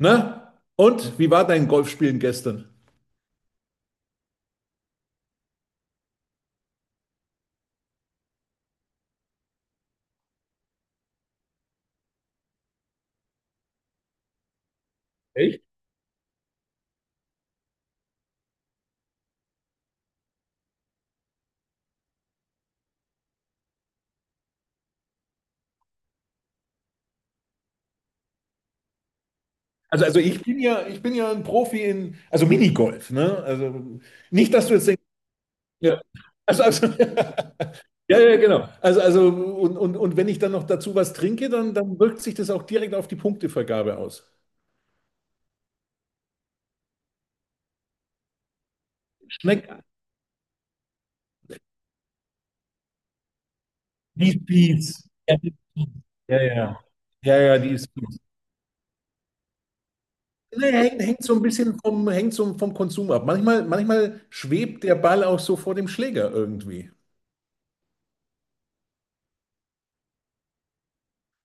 Ne? Und wie war dein Golfspielen gestern? Also ich bin ja ein Profi in, also Minigolf, ne? Also nicht, dass du jetzt denkst, ja. Also, also, ja, ja, genau. Also und wenn ich dann noch dazu was trinke, dann wirkt sich das auch direkt auf die Punktevergabe aus. Schmeckt. Die ist, ja, ja, ja. Ja, ja, die ist fies. Nee, hängt so ein bisschen vom, hängt so vom Konsum ab. Manchmal schwebt der Ball auch so vor dem Schläger irgendwie.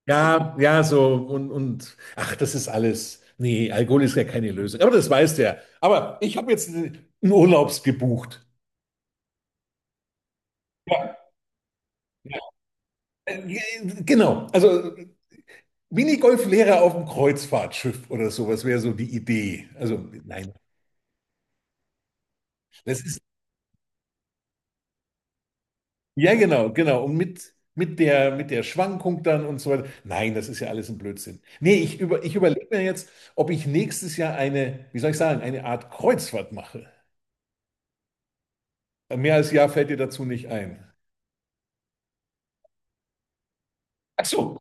Ja, ja, so und ach, das ist alles. Nee, Alkohol ist ja keine Lösung. Aber das weiß der. Aber ich habe jetzt einen Urlaubs gebucht. Ja, genau. Also Minigolflehrer auf dem Kreuzfahrtschiff oder sowas wäre so die Idee. Also nein, das ist ja, genau, genau. Und mit der Schwankung dann und so weiter. Nein, das ist ja alles ein Blödsinn. Nee, ich überlege mir jetzt, ob ich nächstes Jahr eine, wie soll ich sagen, eine Art Kreuzfahrt mache. Mehr als Jahr fällt dir dazu nicht ein. Ach so,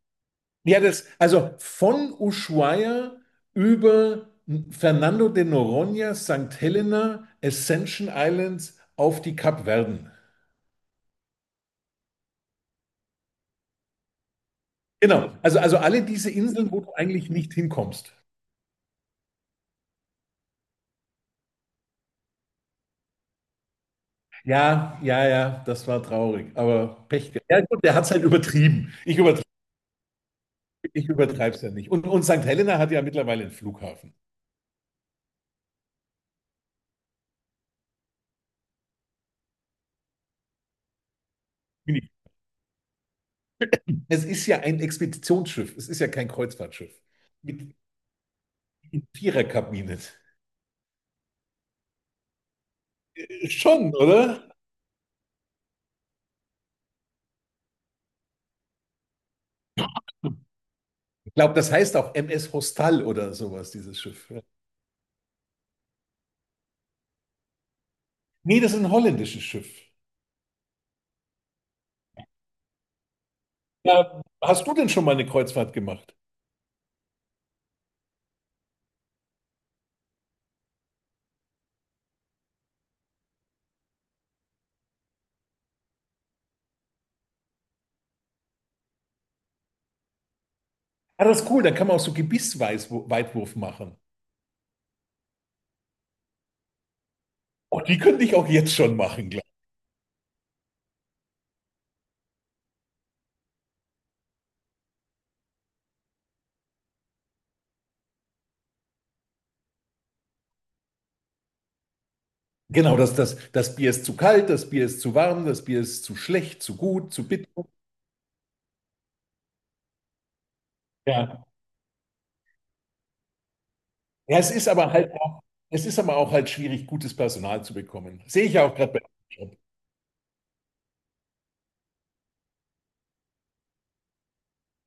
ja, das, also von Ushuaia über Fernando de Noronha, St. Helena, Ascension Islands auf die Kapverden. Genau, also alle diese Inseln, wo du eigentlich nicht hinkommst. Ja, ja, ja, das war traurig, aber Pech gehabt. Ja, gut, der hat es halt übertrieben. Ich übertreibe es ja nicht. Und St. Helena hat ja mittlerweile einen Flughafen. Es ist ja ein Expeditionsschiff, es ist ja kein Kreuzfahrtschiff. Mit in Viererkabinen. Schon, oder? Glaube, das heißt auch MS Hostal oder sowas, dieses Schiff. Ja. Nee, das ist ein holländisches Schiff. Ja, hast du denn schon mal eine Kreuzfahrt gemacht? Ah, das ist cool, dann kann man auch so Gebissweitwurf machen. Oh, die könnte ich auch jetzt schon machen, glaube ich. Genau, das Bier ist zu kalt, das Bier ist zu warm, das Bier ist zu schlecht, zu gut, zu bitter. Ja. Ja, es ist aber auch halt schwierig, gutes Personal zu bekommen. Sehe ich ja auch gerade bei.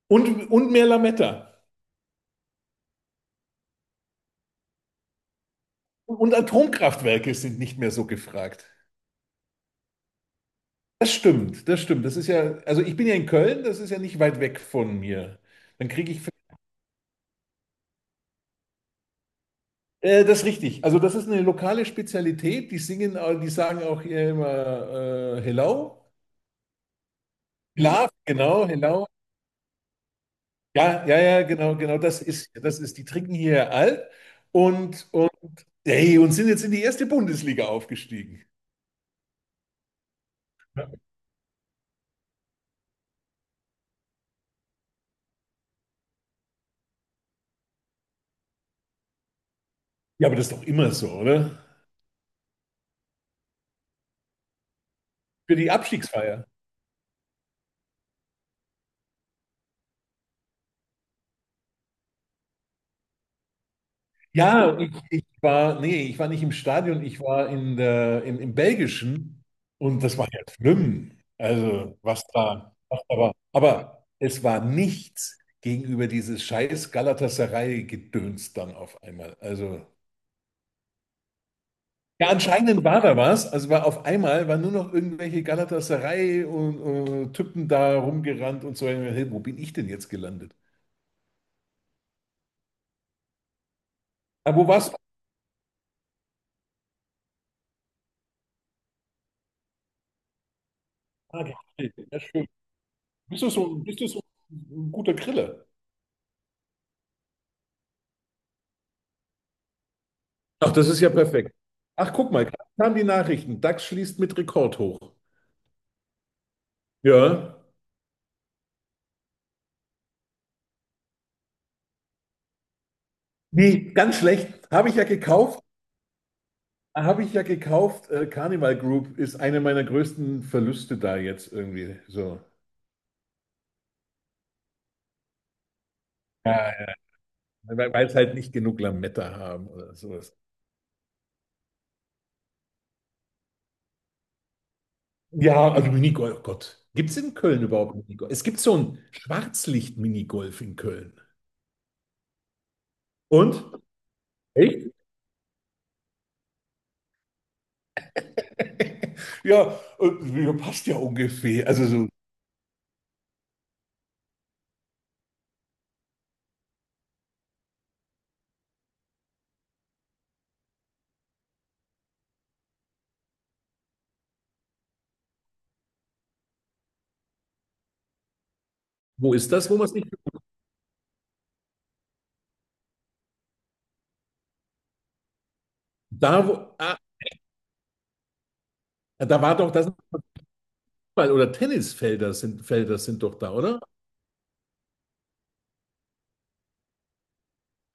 Und mehr Lametta. Und Atomkraftwerke sind nicht mehr so gefragt. Das stimmt, das stimmt. Das ist ja, also ich bin ja in Köln, das ist ja nicht weit weg von mir. Dann kriege ich. Das ist richtig. Also das ist eine lokale Spezialität. Die sagen auch hier immer Hello. Love, genau, Hello. Ja, ja, ja, genau, genau. Die trinken hier alt und hey, und sind jetzt in die erste Bundesliga aufgestiegen. Ja, aber das ist doch immer so, oder? Für die Abstiegsfeier. Ja, nee, ich war nicht im Stadion, ich war im Belgischen und das war ja schlimm. Also, was da war. Aber es war nichts gegenüber dieses scheiß Galatasaray-Gedöns dann auf einmal. Also, ja, anscheinend war da was. Also war auf einmal, waren nur noch irgendwelche Galatasaray und Typen da rumgerannt und so. Hey, wo bin ich denn jetzt gelandet? Ah, wo warst du? Ah, ja, ja, schön. Bist du so ein guter Griller? Ach, das ist ja perfekt. Ach, guck mal, gerade kamen die Nachrichten. DAX schließt mit Rekord hoch. Ja. Nee, ganz schlecht. Habe ich ja gekauft. Habe ich ja gekauft. Carnival Group ist eine meiner größten Verluste da jetzt irgendwie. So. Ja, ja. Weil es halt nicht genug Lametta haben oder sowas. Ja, also Minigolf, oh Gott. Gibt es in Köln überhaupt Minigolf? Es gibt so ein Schwarzlicht-Minigolf in Köln. Und? Echt? Ja, ja, passt ja ungefähr. Also so. Wo ist das, wo man es nicht. Da, wo, ah, da war doch das Fußball- oder Tennisfelder sind, Felder sind doch da, oder?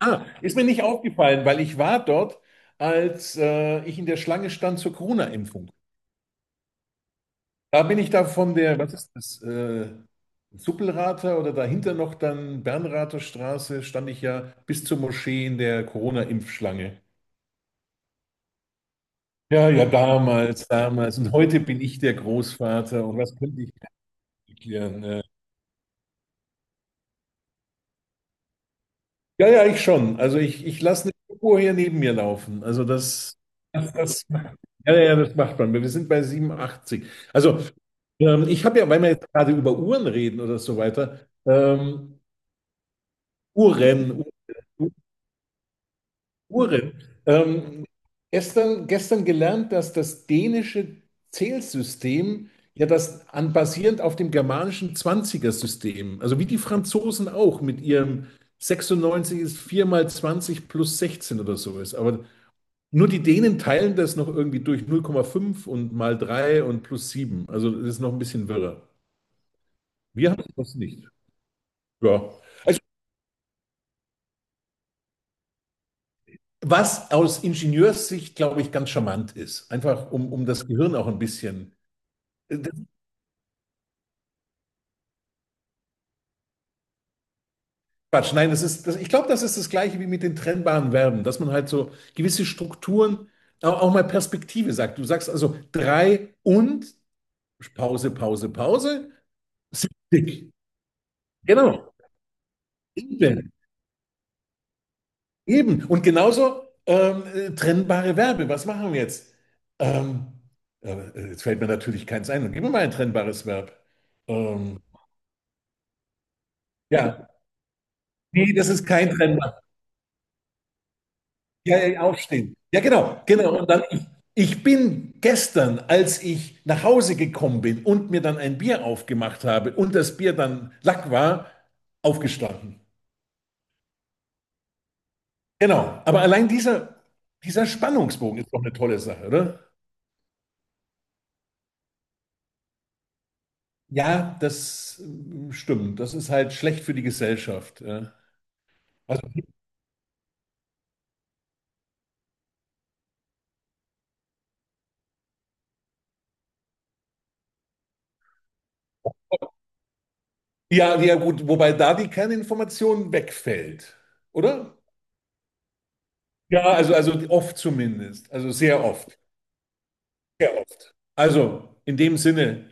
Ah, ist mir nicht aufgefallen, weil ich war dort, als ich in der Schlange stand zur Corona-Impfung. Da bin ich da von der, was ist das, Suppelrater oder dahinter noch dann Bernrather Straße, stand ich ja bis zur Moschee in der Corona-Impfschlange. Ja, ja, damals, damals. Und heute bin ich der Großvater und was könnte ich erklären? Ja, ja, ich schon. Also ich lasse eine Uhr hier neben mir laufen. Also das, das, ja, ja, das macht man. Wir sind bei 87. Also ich habe ja, weil wir jetzt gerade über Uhren reden oder so weiter, ähm, Uhren, Uhren. Uhren. Ähm, gestern gelernt, dass das dänische Zählsystem basierend auf dem germanischen 20 system, also wie die Franzosen auch mit ihrem 96 ist 4 mal 20 plus 16 oder so ist. Aber nur die Dänen teilen das noch irgendwie durch 0,5 und mal 3 und plus sieben. Also das ist noch ein bisschen wirrer. Wir haben das nicht. Ja. Also was aus Ingenieurssicht, glaube ich, ganz charmant ist. Einfach um das Gehirn auch ein bisschen. Das ist Quatsch, nein, ich glaube, das ist das Gleiche wie mit den trennbaren Verben, dass man halt so gewisse Strukturen auch mal Perspektive sagt. Du sagst also drei und Pause, Pause, Pause, sind. Genau, eben, eben. Und genauso trennbare Verben. Was machen wir jetzt? Ähm, jetzt fällt mir natürlich keins ein. Dann gib mir mal ein trennbares Verb. Ähm, ja, nee, das ist kein trennbares. Ja, ja, ja, aufstehen. Ja, genau, genau. Und dann, ich bin gestern, als ich nach Hause gekommen bin und mir dann ein Bier aufgemacht habe und das Bier dann Lack war, aufgestanden. Genau. Aber allein dieser Spannungsbogen ist doch eine tolle Sache, oder? Ja, das stimmt. Das ist halt schlecht für die Gesellschaft. Ja, also, ja, ja, gut, wobei da die Kerninformation wegfällt, oder? Ja, also oft zumindest. Also sehr oft. Sehr oft. Also, in dem Sinne.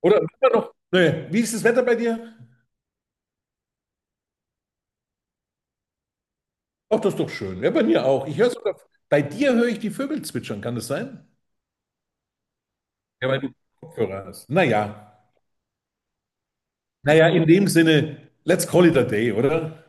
Oder immer noch, nee, wie ist das Wetter bei dir? Ach, das ist doch schön. Ja, bei mir auch. Ich höre sogar, bei dir höre ich die Vögel zwitschern, kann das sein? Kopfhörer hast. Naja. Naja, in dem Sinne, let's call it a day, oder?